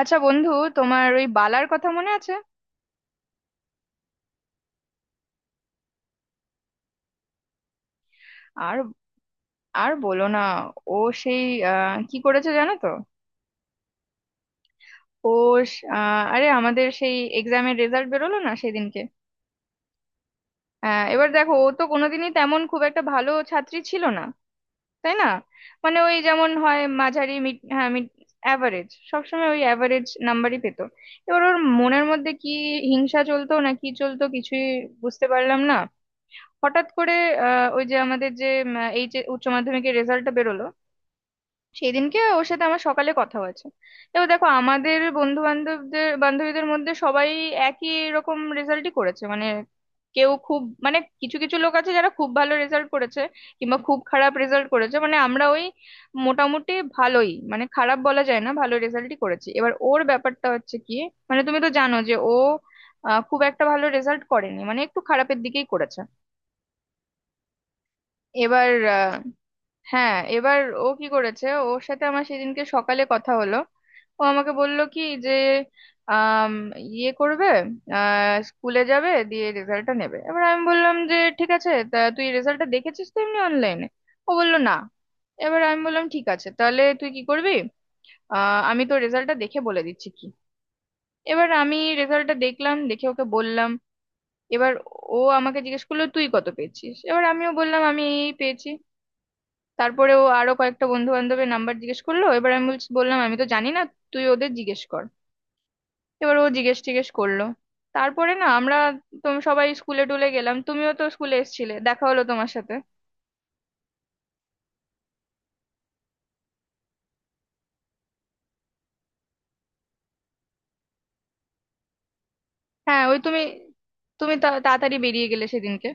আচ্ছা বন্ধু, তোমার ওই বালার কথা মনে আছে? আর আর বলো না। ও সেই কি করেছে জানো তো? ও আরে, আমাদের সেই এক্সামের রেজাল্ট বেরোলো না সেদিনকে? এবার দেখো, ও তো কোনোদিনই তেমন খুব একটা ভালো ছাত্রী ছিল না, তাই না? মানে ওই যেমন হয় মাঝারি, মিড, হ্যাঁ মিড। অ্যাভারেজ, সবসময় ওই অ্যাভারেজ নাম্বারই পেতো। এবার ওর মনের মধ্যে কি হিংসা চলতো না কি চলতো কিছুই বুঝতে পারলাম না। হঠাৎ করে ওই যে আমাদের যে এইচ উচ্চ মাধ্যমিকের রেজাল্টটা বেরোলো, সেই দিনকে ওর সাথে আমার সকালে কথা হয়েছে। এবার দেখো, আমাদের বন্ধু বান্ধবদের বান্ধবীদের মধ্যে সবাই একই রকম রেজাল্টই করেছে, মানে কেউ খুব, মানে কিছু কিছু লোক আছে যারা খুব ভালো রেজাল্ট করেছে কিংবা খুব খারাপ রেজাল্ট করেছে, মানে আমরা ওই মোটামুটি ভালোই, মানে খারাপ বলা যায় না, ভালো রেজাল্টই করেছি। এবার ওর ব্যাপারটা হচ্ছে কি, মানে তুমি তো জানো যে ও খুব একটা ভালো রেজাল্ট করেনি, মানে একটু খারাপের দিকেই করেছে। এবার আহ, হ্যাঁ, এবার ও কি করেছে, ওর সাথে আমার সেদিনকে সকালে কথা হলো। ও আমাকে বলল কি যে আম, ইয়ে করবে, স্কুলে যাবে দিয়ে রেজাল্টটা নেবে। এবার আমি বললাম যে ঠিক আছে, তা তুই রেজাল্টটা দেখেছিস তো এমনি অনলাইনে? ও বলল না। এবার আমি বললাম ঠিক আছে, তাহলে তুই কি করবি? আমি তো রেজাল্টটা দেখে বলে দিচ্ছি কি। এবার আমি রেজাল্টটা দেখলাম, দেখে ওকে বললাম। এবার ও আমাকে জিজ্ঞেস করলো তুই কত পেয়েছিস, এবার আমিও বললাম আমি এই পেয়েছি। তারপরে ও আরো কয়েকটা বন্ধু বান্ধবের নাম্বার জিজ্ঞেস করলো, এবার আমি বললাম আমি তো জানি না, তুই ওদের জিজ্ঞেস কর। এবার ও জিজ্ঞেস টিজ্ঞেস করলো, তারপরে না আমরা তুমি সবাই স্কুলে টুলে গেলাম, তুমিও তো স্কুলে এসেছিলে, দেখা হলো তোমার সাথে। হ্যাঁ, ওই তুমি তুমি তা- তাড়াতাড়ি বেরিয়ে গেলে সেদিনকে।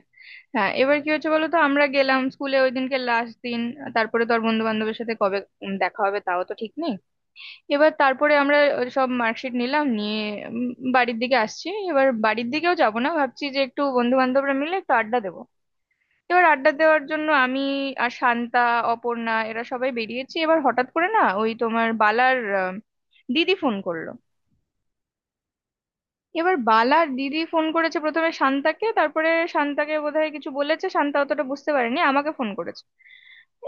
হ্যাঁ, এবার কি হচ্ছে বলো তো, আমরা গেলাম স্কুলে, ওই দিনকে লাস্ট দিন। তারপরে তো আর বন্ধু বান্ধবের সাথে কবে দেখা হবে তাও তো ঠিক নেই। এবার তারপরে আমরা সব মার্কশিট নিলাম, নিয়ে উম বাড়ির দিকে আসছি। এবার বাড়ির দিকেও যাব না, ভাবছি যে একটু বন্ধু বান্ধবরা মিলে একটু আড্ডা দেবো। এবার আড্ডা দেওয়ার জন্য আমি আর শান্তা, অপর্ণা, এরা সবাই বেরিয়েছি। এবার হঠাৎ করে না, ওই তোমার বালার দিদি ফোন করলো। এবার বালার দিদি ফোন করেছে প্রথমে শান্তাকে, তারপরে শান্তাকে বোধহয় কিছু বলেছে, শান্তা অতটা বুঝতে পারেনি, আমাকে ফোন করেছে।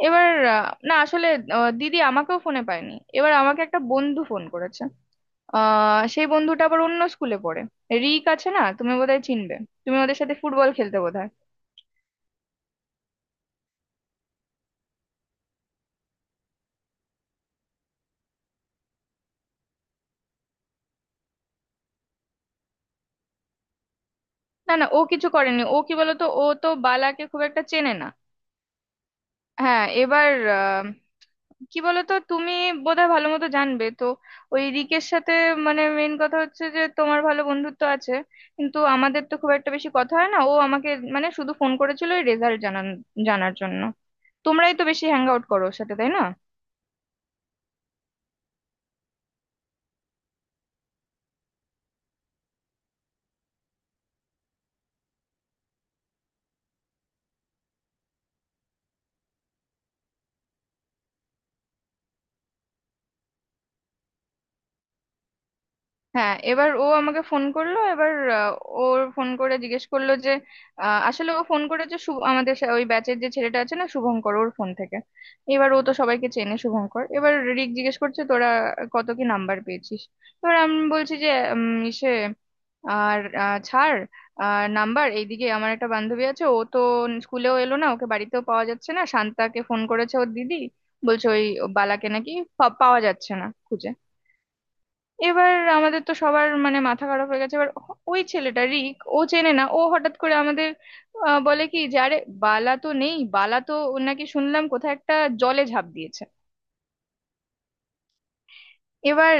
এবার না আসলে দিদি আমাকেও ফোনে পায়নি, এবার আমাকে একটা বন্ধু ফোন করেছে। সেই বন্ধুটা আবার অন্য স্কুলে পড়ে, রিক আছে না, তুমি বোধহয় চিনবে, তুমি ওদের সাথে ফুটবল খেলতে বোধহয়। না না, ও কিছু করেনি, ও কি বলতো ও তো বালাকে খুব একটা চেনে না। হ্যাঁ, এবার আহ, কি বলতো, তুমি বোধহয় ভালো মতো জানবে তো ওই রিকের সাথে, মানে মেন কথা হচ্ছে যে তোমার ভালো বন্ধুত্ব আছে, কিন্তু আমাদের তো খুব একটা বেশি কথা হয় না। ও আমাকে মানে শুধু ফোন করেছিল ওই রেজাল্ট জানান জানার জন্য। তোমরাই তো বেশি হ্যাং আউট করো ওর সাথে, তাই না? হ্যাঁ, এবার ও আমাকে ফোন করলো, এবার আহ, ওর ফোন করে জিজ্ঞেস করলো যে আসলে ও ফোন করেছে শুভ, আমাদের ওই ব্যাচের যে ছেলেটা আছে না শুভঙ্কর, ওর ফোন থেকে। এবার ও তো সবাইকে চেনে শুভঙ্কর। এবার রিক জিজ্ঞেস করছে তোরা কত কি নাম্বার পেয়েছিস। এবার আমি বলছি যে ইসে, আর ছাড় নাম্বার, এইদিকে আমার একটা বান্ধবী আছে ও তো স্কুলেও এলো না, ওকে বাড়িতেও পাওয়া যাচ্ছে না, শান্তাকে ফোন করেছে ওর দিদি, বলছে ওই বালাকে নাকি পাওয়া যাচ্ছে না খুঁজে। এবার আমাদের তো সবার মানে মাথা খারাপ হয়ে গেছে। এবার ওই ছেলেটা রিক ও চেনে না, ও হঠাৎ করে আমাদের বলে কি যে আরে বালা তো নেই, বালা তো ও নাকি শুনলাম কোথায় একটা জলে ঝাঁপ দিয়েছে। এবার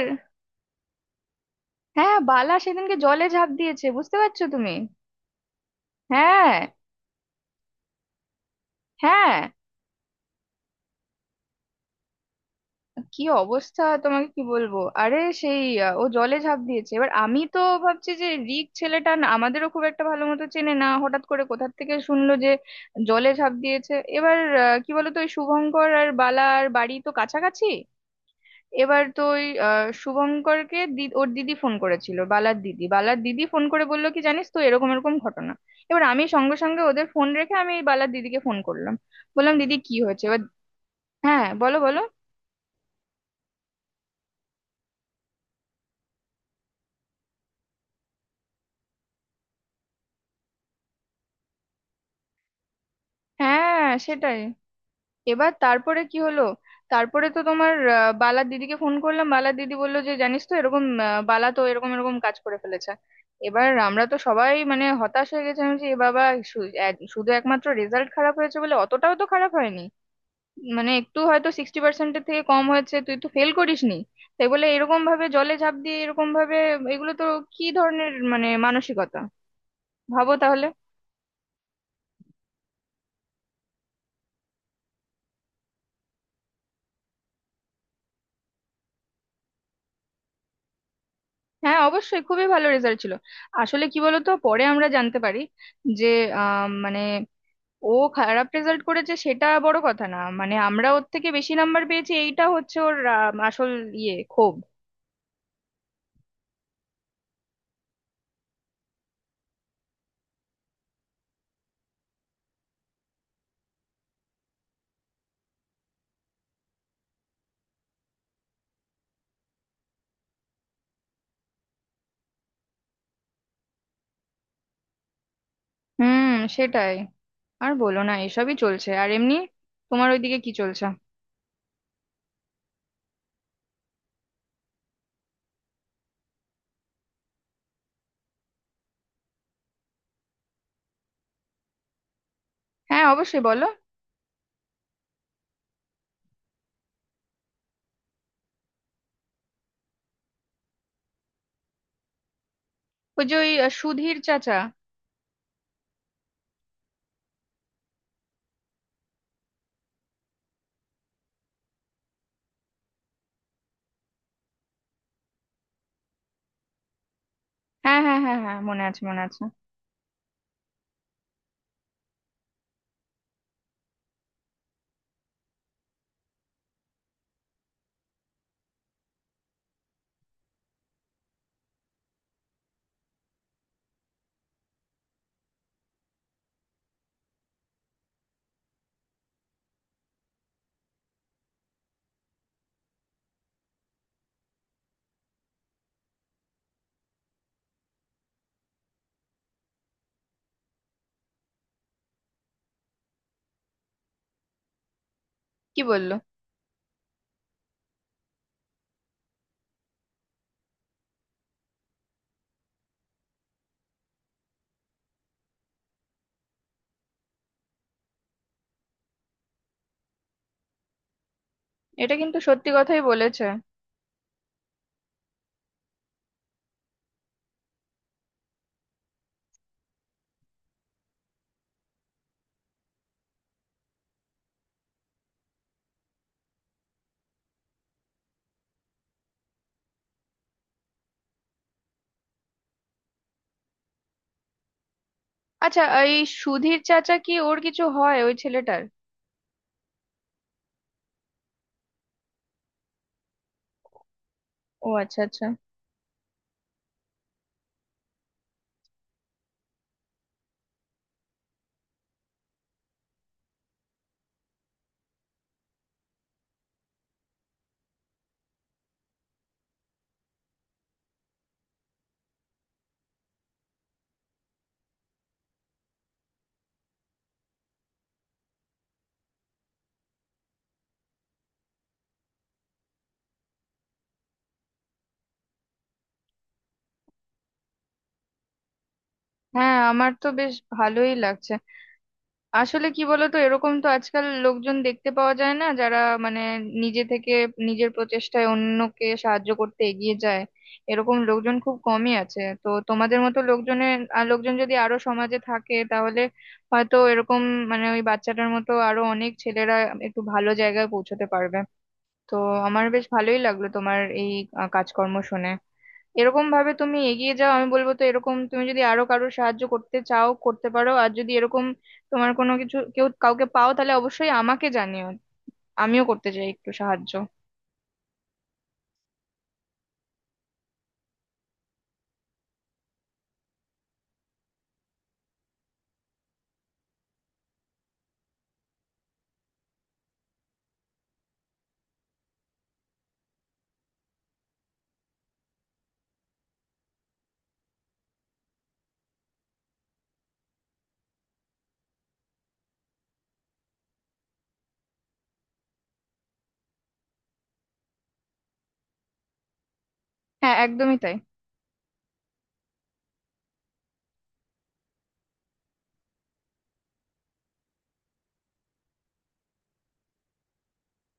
হ্যাঁ, বালা সেদিনকে জলে ঝাঁপ দিয়েছে বুঝতে পারছো তুমি? হ্যাঁ, হ্যাঁ। কি অবস্থা তোমাকে কি বলবো, আরে সেই ও জলে ঝাঁপ দিয়েছে। এবার আমি তো ভাবছি যে রিক ছেলেটা না আমাদেরও খুব একটা ভালো মতো চেনে না, হঠাৎ করে কোথা থেকে শুনলো যে জলে ঝাঁপ দিয়েছে। এবার কি বলতো, ওই শুভঙ্কর আর বালা আর বাড়ি তো কাছাকাছি। এবার তো ওই শুভঙ্করকে দি ওর দিদি ফোন করেছিল বালার দিদি, ফোন করে বললো কি, জানিস তো এরকম এরকম ঘটনা। এবার আমি সঙ্গে সঙ্গে ওদের ফোন রেখে আমি বালার দিদিকে ফোন করলাম। বললাম দিদি কি হয়েছে? এবার হ্যাঁ বলো বলো। হ্যাঁ, সেটাই। এবার তারপরে কি হলো? তারপরে তো তোমার বালার দিদিকে ফোন করলাম, বালার দিদি বললো যে জানিস তো এরকম বালা তো এরকম এরকম কাজ করে ফেলেছে। এবার আমরা তো সবাই মানে হতাশ হয়ে গেছিলাম যে এ বাবা, শুধু একমাত্র রেজাল্ট খারাপ হয়েছে বলে অতটাও তো খারাপ হয়নি, মানে একটু হয়তো 60%-এর থেকে কম হয়েছে, তুই তো ফেল করিসনি। তাই বলে এরকম ভাবে জলে ঝাঁপ দিয়ে এরকম ভাবে, এগুলো তো কি ধরনের মানে মানসিকতা, ভাবো তাহলে। হ্যাঁ, অবশ্যই খুবই ভালো রেজাল্ট ছিল। আসলে কি বলতো পরে আমরা জানতে পারি যে মানে ও খারাপ রেজাল্ট করেছে সেটা বড় কথা না, মানে আমরা ওর থেকে বেশি নাম্বার পেয়েছি এইটা হচ্ছে ওর আসল ইয়ে, ক্ষোভ। হুম সেটাই। আর বলো না, এসবই চলছে। আর এমনি তোমার ওইদিকে কি চলছে? হ্যাঁ, অবশ্যই বলো। ওই যে ওই সুধীর চাচা। হ্যাঁ হ্যাঁ হ্যাঁ হ্যাঁ, মনে আছে মনে আছে। কি বললো? এটা কিন্তু সত্যি কথাই বলেছে। আচ্ছা, এই সুধীর চাচা কি ওর কিছু হয় ওই ছেলেটার? ও আচ্ছা আচ্ছা। হ্যাঁ, আমার তো বেশ ভালোই লাগছে। আসলে কি বলতো, এরকম তো আজকাল লোকজন দেখতে পাওয়া যায় না যারা মানে নিজে থেকে নিজের প্রচেষ্টায় অন্যকে সাহায্য করতে এগিয়ে যায়। এরকম লোকজন খুব কমই আছে, তো তোমাদের মতো লোকজনের আর লোকজন যদি আরো সমাজে থাকে, তাহলে হয়তো এরকম, মানে ওই বাচ্চাটার মতো আরো অনেক ছেলেরা একটু ভালো জায়গায় পৌঁছতে পারবে। তো আমার বেশ ভালোই লাগলো তোমার এই কাজকর্ম শুনে। এরকম ভাবে তুমি এগিয়ে যাও, আমি বলবো তো এরকম তুমি যদি আরো কারোর সাহায্য করতে চাও করতে পারো, আর যদি এরকম তোমার কোনো কিছু কেউ কাউকে পাও তাহলে অবশ্যই আমাকে জানিও। আমিও করতে চাই একটু সাহায্য। হ্যাঁ, একদমই তাই।